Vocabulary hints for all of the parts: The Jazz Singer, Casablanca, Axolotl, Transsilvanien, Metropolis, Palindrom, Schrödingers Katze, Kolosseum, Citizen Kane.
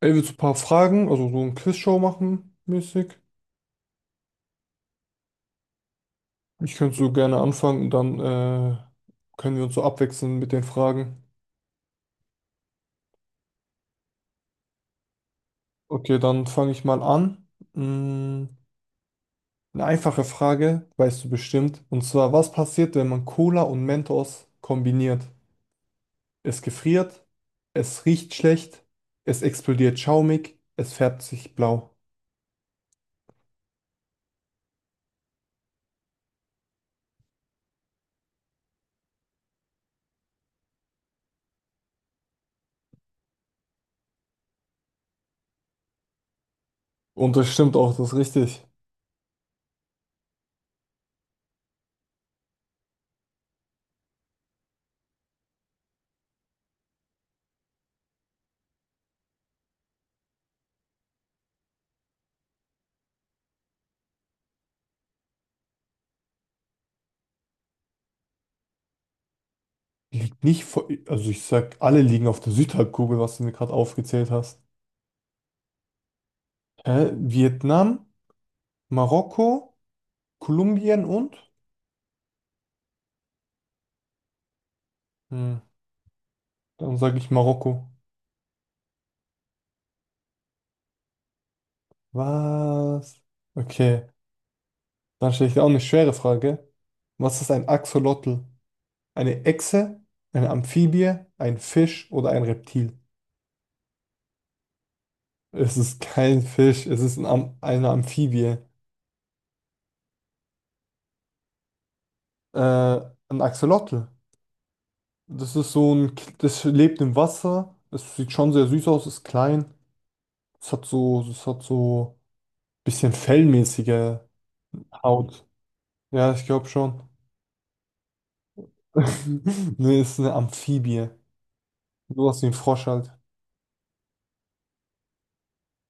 Ey, willst du ein paar Fragen, also so ein Quizshow machen, mäßig? Ich könnte so gerne anfangen und dann können wir uns so abwechseln mit den Fragen. Okay, dann fange ich mal an. Mm, eine einfache Frage, weißt du bestimmt. Und zwar, was passiert, wenn man Cola und Mentos kombiniert? Es gefriert, es riecht schlecht, es explodiert schaumig, es färbt sich blau. Und das stimmt auch, das ist richtig. Liegt nicht vor, also ich sag, alle liegen auf der Südhalbkugel, was du mir gerade aufgezählt hast. Hä? Vietnam, Marokko, Kolumbien und? Hm. Dann sage ich Marokko. Was? Okay, dann stelle ich dir auch eine schwere Frage. Was ist ein Axolotl? Eine Echse, eine Amphibie, ein Fisch oder ein Reptil? Es ist kein Fisch, es ist ein Am eine Amphibie. Äh, ein Axolotl. Das ist das lebt im Wasser. Es sieht schon sehr süß aus, ist klein. Es hat so bisschen fellmäßige Haut. Ja, ich glaube schon. Nee, ist eine Amphibie. Sowas wie ein Frosch halt.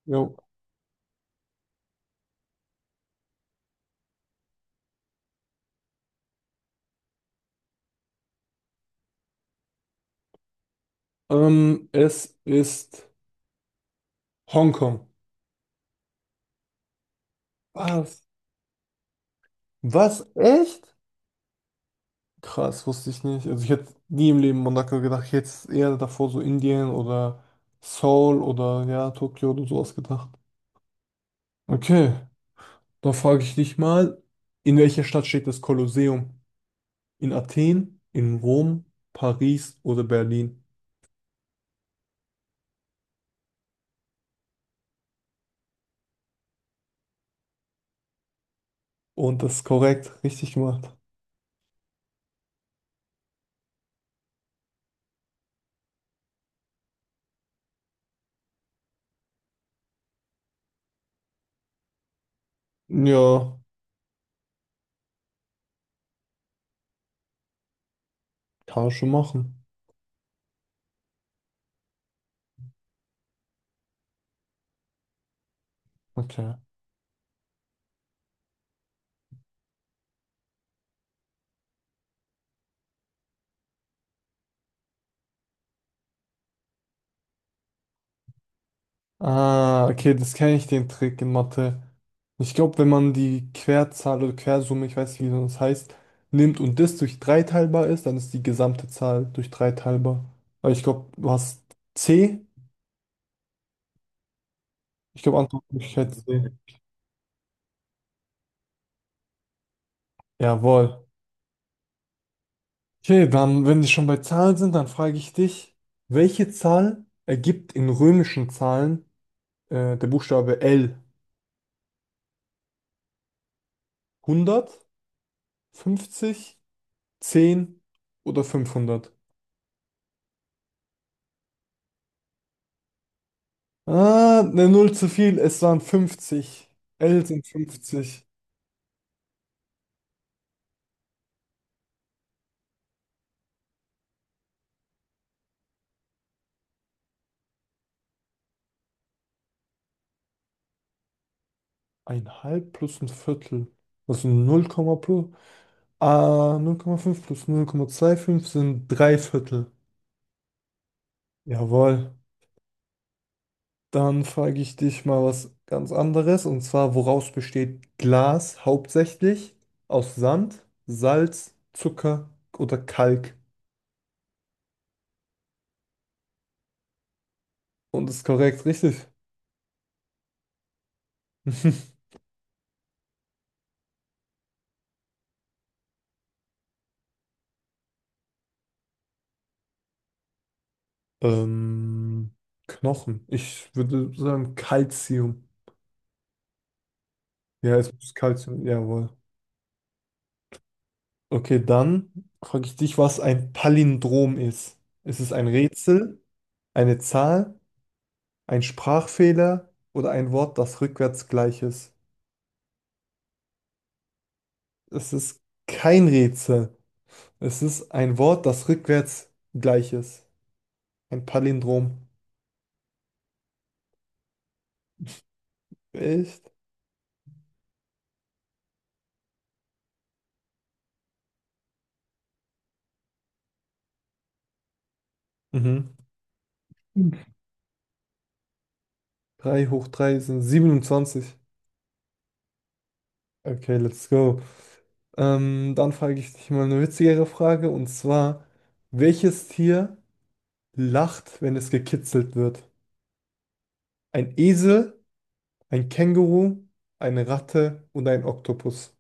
Jo. Es ist Hongkong. Was? Was? Echt? Krass, wusste ich nicht. Also ich hätte nie im Leben Monaco gedacht. Ich hätte es eher davor so Indien oder Seoul oder ja, Tokio oder sowas gedacht. Okay, dann frage ich dich mal, in welcher Stadt steht das Kolosseum? In Athen, in Rom, Paris oder Berlin? Und das ist korrekt, richtig gemacht. Ja. Tausche machen. Okay. Ah, okay, das kenne ich, den Trick in Mathe. Ich glaube, wenn man die Querzahl oder Quersumme, ich weiß nicht, wie das heißt, nimmt und das durch drei teilbar ist, dann ist die gesamte Zahl durch drei teilbar. Aber ich glaube, du hast C. Ich glaube, Antwortmöglichkeit C. Jawohl. Okay, dann, wenn wir schon bei Zahlen sind, dann frage ich dich, welche Zahl ergibt in römischen Zahlen der Buchstabe L? Hundert, fünfzig, zehn oder 500? Ah, eine Null zu viel. Es waren fünfzig. L sind 50. Ein halb plus ein Viertel. Das sind null Komma plus. Ah, null Komma fünf plus 0,25 sind drei Viertel. Jawohl. Dann frage ich dich mal was ganz anderes. Und zwar, woraus besteht Glas hauptsächlich? Aus Sand, Salz, Zucker oder Kalk? Und ist korrekt, richtig? Ähm, Knochen. Ich würde sagen Calcium. Ja, es muss Kalzium, jawohl. Okay, dann frage ich dich, was ein Palindrom ist. Ist es ein Rätsel, eine Zahl, ein Sprachfehler oder ein Wort, das rückwärts gleich ist? Es ist kein Rätsel. Es ist ein Wort, das rückwärts gleich ist. Ein Palindrom. Echt? Mhm. drei hoch 3 sind siebenundzwanzig. Okay, let's go. Dann frage ich dich mal eine witzigere Frage und zwar, welches Tier lacht, wenn es gekitzelt wird. Ein Esel, ein Känguru, eine Ratte und ein Oktopus.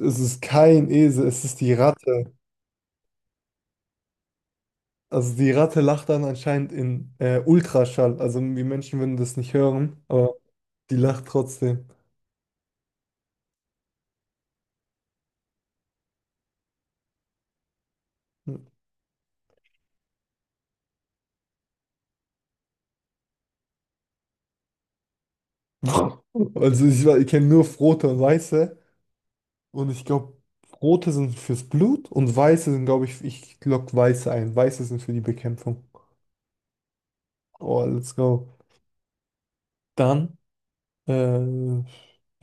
Es ist kein Esel, es ist die Ratte. Also die Ratte lacht dann anscheinend in Ultraschall. Also wir Menschen würden das nicht hören, aber die lacht trotzdem. Also ich kenne nur rote und weiße. Und ich glaube, rote sind fürs Blut und weiße sind, glaube ich, ich lock weiße ein. Weiße sind für die Bekämpfung. Oh, let's go. Dann. Eine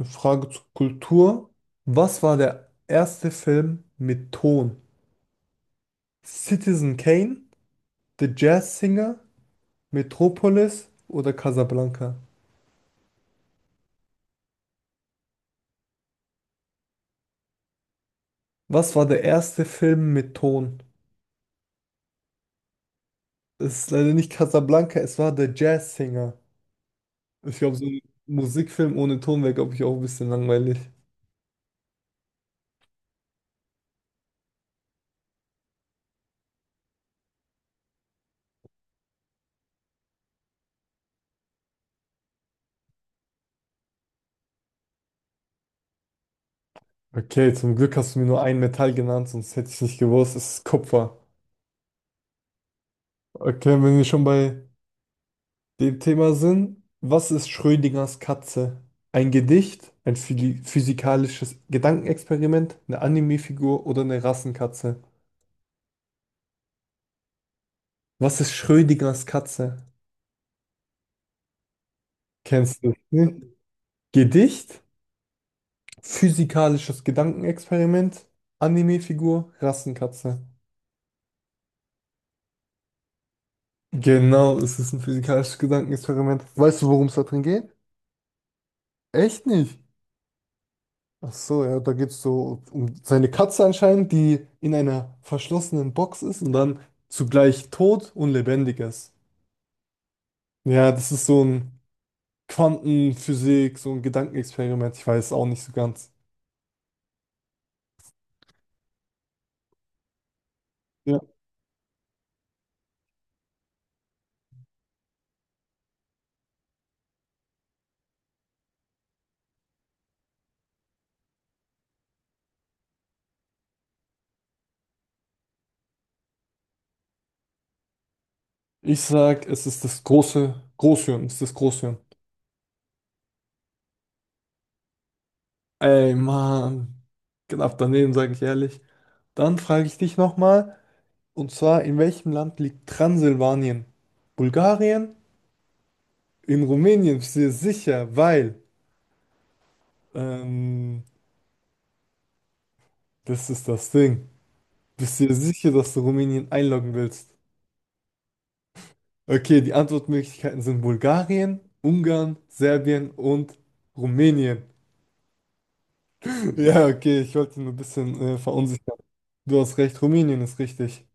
Frage zur Kultur. Was war der erste Film mit Ton? Citizen Kane, The Jazz Singer, Metropolis oder Casablanca? Was war der erste Film mit Ton? Es ist leider nicht Casablanca, es war The Jazz Singer. Ich glaube, so ein Musikfilm ohne Ton wäre, glaube ich, auch ein bisschen langweilig. Okay, zum Glück hast du mir nur ein Metall genannt, sonst hätte ich nicht gewusst, es ist Kupfer. Okay, wenn wir schon bei dem Thema sind, was ist Schrödingers Katze? Ein Gedicht, ein physikalisches Gedankenexperiment, eine Anime-Figur oder eine Rassenkatze? Was ist Schrödingers Katze? Kennst du? Hm? Gedicht, physikalisches Gedankenexperiment, Anime-Figur, Rassenkatze. Genau, es ist ein physikalisches Gedankenexperiment. Weißt du, worum es da drin geht? Echt nicht? Ach so, ja, da geht es so um seine Katze anscheinend, die in einer verschlossenen Box ist und dann zugleich tot und lebendig ist. Ja, das ist so ein Quantenphysik, so ein Gedankenexperiment. Ich weiß auch nicht so ganz. Ja. Ich sag, es ist das große Großhirn, es ist das Großhirn. Ey, Mann, knapp daneben, sage ich ehrlich. Dann frage ich dich nochmal, und zwar, in welchem Land liegt Transsilvanien? Bulgarien? In Rumänien, sehr sicher, weil. Ähm, Das ist das Ding. Bist du dir sicher, dass du Rumänien einloggen willst? Okay, die Antwortmöglichkeiten sind Bulgarien, Ungarn, Serbien und Rumänien. Ja, okay, ich wollte nur ein bisschen verunsichern. Du hast recht, Rumänien ist richtig.